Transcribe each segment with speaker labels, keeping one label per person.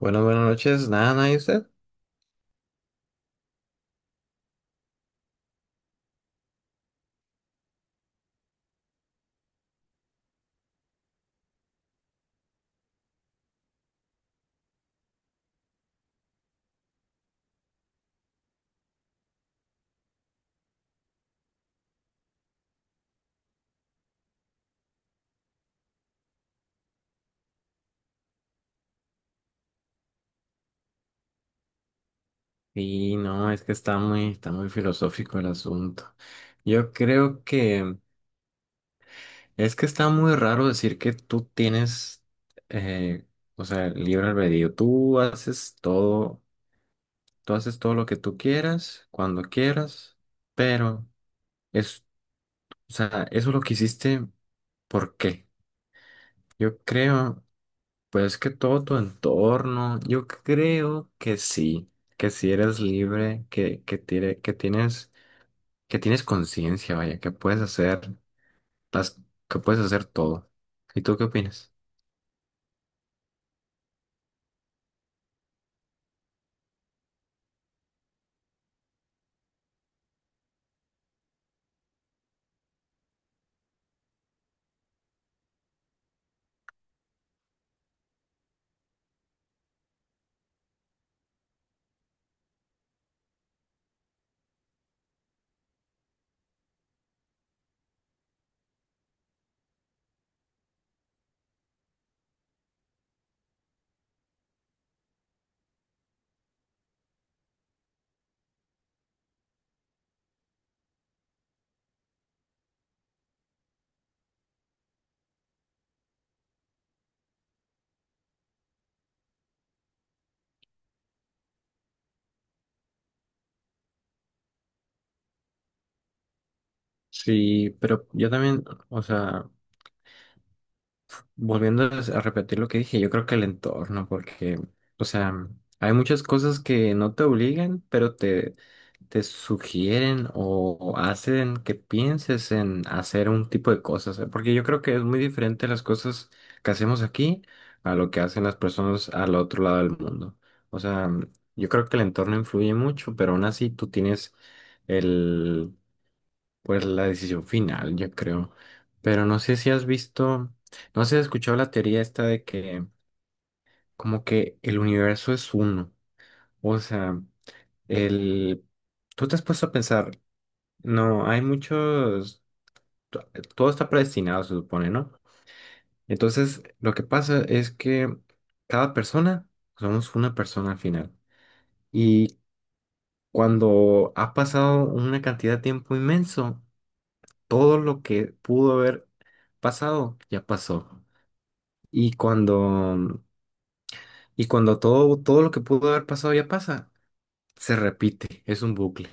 Speaker 1: Buenas, buenas noches. Nada, ¿y usted? Sí, no, es que está muy filosófico el asunto. Yo creo que Es que está muy raro decir que tú tienes, eh, o sea, libre albedrío. Tú haces todo lo que tú quieras, cuando quieras, pero es, o sea, eso lo que hiciste, ¿por qué? Yo creo, pues que todo tu entorno, yo creo que sí, que si eres libre, que tienes conciencia, vaya, que puedes hacer las, que puedes hacer todo. ¿Y tú qué opinas? Sí, pero yo también, o sea, volviendo a repetir lo que dije, yo creo que el entorno, porque, o sea, hay muchas cosas que no te obligan, pero te sugieren o hacen que pienses en hacer un tipo de cosas, ¿eh? Porque yo creo que es muy diferente las cosas que hacemos aquí a lo que hacen las personas al otro lado del mundo. O sea, yo creo que el entorno influye mucho, pero aún así tú tienes el pues la decisión final, yo creo. Pero no sé si has visto, no sé si has escuchado la teoría esta de que como que el universo es uno. O sea, el... tú te has puesto a pensar, no, hay muchos, to- todo está predestinado, se supone, ¿no? Entonces, lo que pasa es que cada persona, somos una persona al final. Y cuando ha pasado una cantidad de tiempo inmenso, todo lo que pudo haber pasado ya pasó. Y cuando, y cuando todo, todo lo que pudo haber pasado ya pasa, se repite, es un bucle.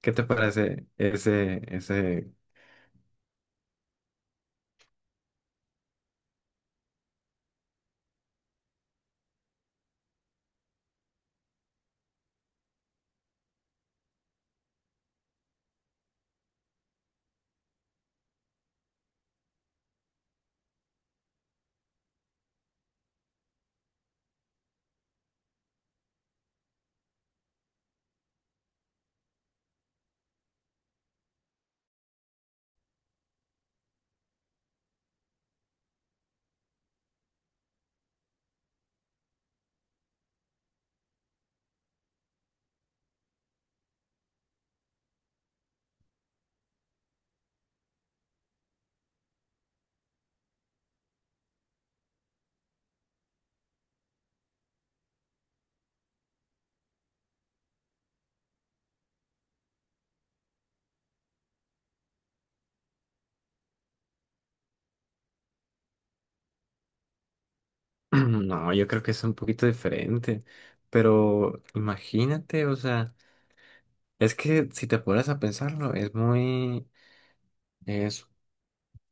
Speaker 1: ¿Qué te parece ese? No, yo creo que es un poquito diferente, pero imagínate, o sea, es que si te pones a pensarlo, es muy, es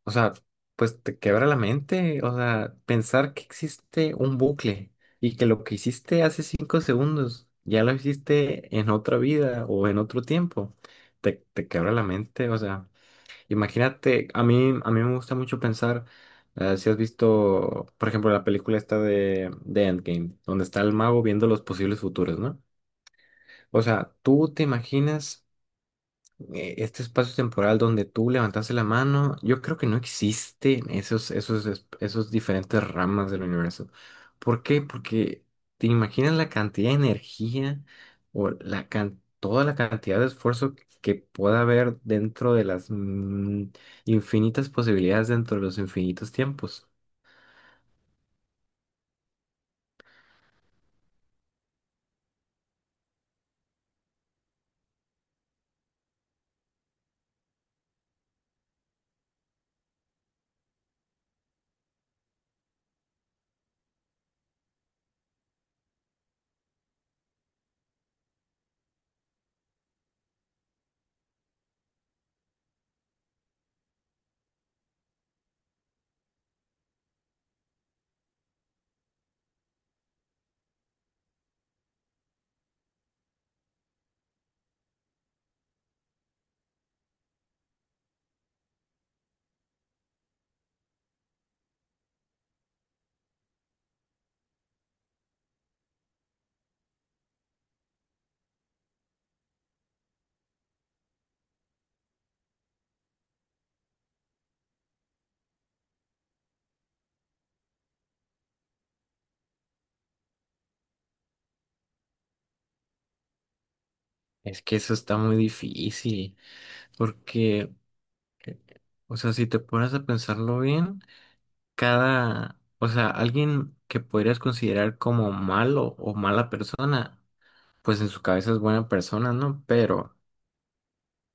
Speaker 1: O sea, pues te quebra la mente, o sea, pensar que existe un bucle y que lo que hiciste hace cinco segundos ya lo hiciste en otra vida o en otro tiempo, te quebra la mente, o sea, imagínate, a mí me gusta mucho pensar, si has visto, por ejemplo, la película esta de Endgame, donde está el mago viendo los posibles futuros, ¿no? O sea, tú te imaginas este espacio temporal donde tú levantaste la mano, yo creo que no existen esos diferentes ramas del universo. ¿Por qué? Porque te imaginas la cantidad de energía o toda la cantidad de esfuerzo que pueda haber dentro de las infinitas posibilidades dentro de los infinitos tiempos. Es que eso está muy difícil, porque, eh, o sea, si te pones a pensarlo bien, o sea, alguien que podrías considerar como malo o mala persona, pues en su cabeza es buena persona, ¿no? Pero,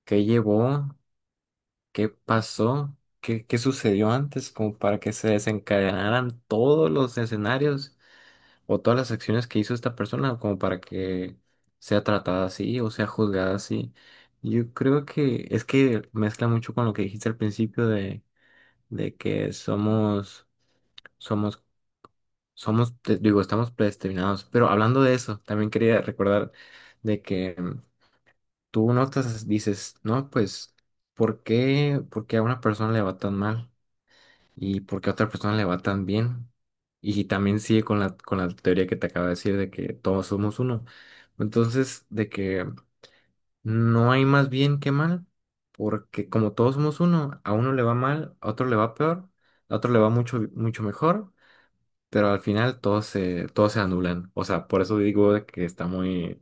Speaker 1: ¿qué llevó? ¿Qué pasó? Qué sucedió antes como para que se desencadenaran todos los escenarios o todas las acciones que hizo esta persona como para que sea tratada así o sea juzgada así? Yo creo que es que mezcla mucho con lo que dijiste al principio de que somos. Digo, estamos predestinados. Pero hablando de eso, también quería recordar de que tú notas, dices, no, pues, por qué a una persona le va tan mal? ¿Y por qué a otra persona le va tan bien? Y también sigue con la teoría que te acabo de decir de que todos somos uno. Entonces, de que no hay más bien que mal, porque como todos somos uno, a uno le va mal, a otro le va peor, a otro le va mucho, mucho mejor, pero al final todos se anulan. O sea, por eso digo de que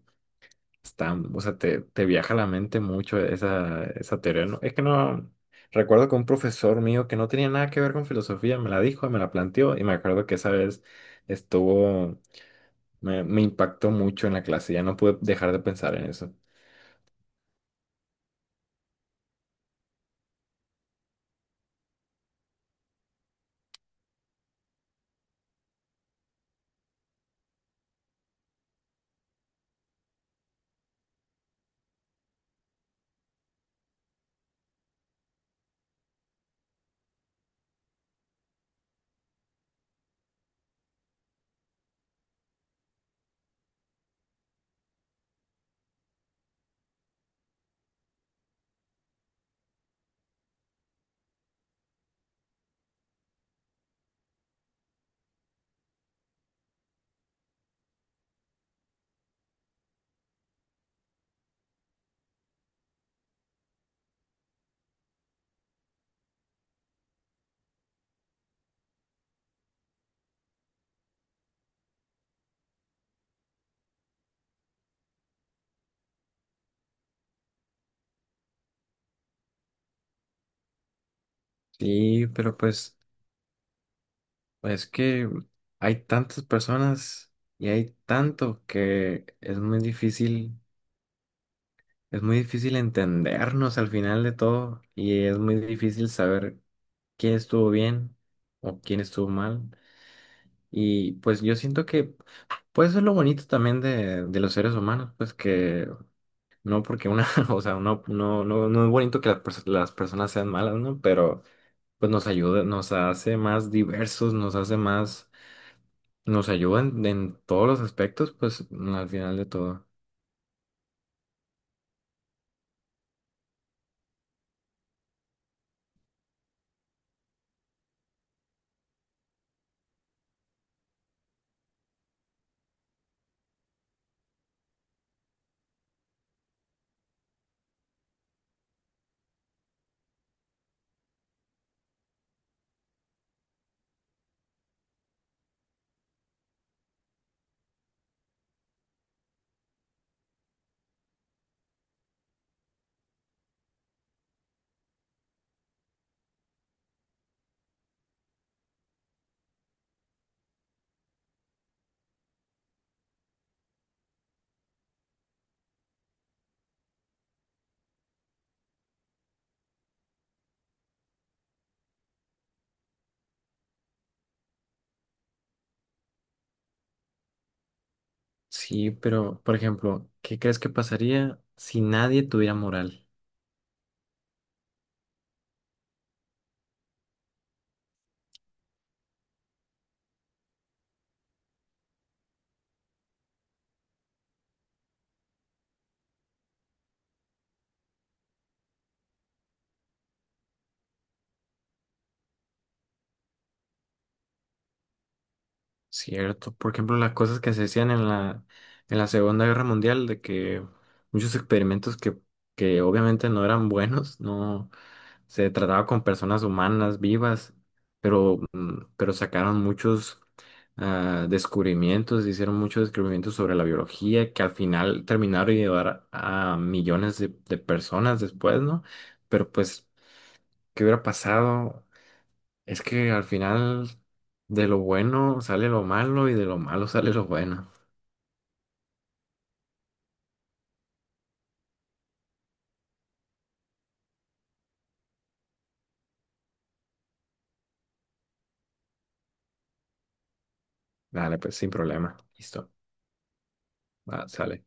Speaker 1: está, o sea, te viaja la mente mucho esa teoría. ¿No? Es que no, recuerdo que un profesor mío que no tenía nada que ver con filosofía me la dijo, me la planteó y me acuerdo que esa vez estuvo, me impactó mucho en la clase, ya no pude dejar de pensar en eso. Sí, pero pues es que hay tantas personas y hay tanto que es muy difícil. Es muy difícil entendernos al final de todo y es muy difícil saber quién estuvo bien o quién estuvo mal. Y pues yo siento que pues eso es lo bonito también de los seres humanos, pues que no porque una, o sea, no es bonito que las personas sean malas, ¿no? Pero pues nos ayuda, nos hace más diversos, nos ayuda en todos los aspectos, pues al final de todo. Sí, pero, por ejemplo, ¿qué crees que pasaría si nadie tuviera moral? ¿Cierto? Por ejemplo, las cosas que se decían en en la Segunda Guerra Mundial, de que muchos experimentos que obviamente no eran buenos, no se trataba con personas humanas vivas, pero, pero sacaron muchos descubrimientos, hicieron muchos descubrimientos sobre la biología, que al final terminaron de ayudar a millones de personas después, ¿no? Pero pues... ¿Qué hubiera pasado? Es que al final de lo bueno sale lo malo y de lo malo sale lo bueno. Dale, pues sin problema. Listo. Va, sale.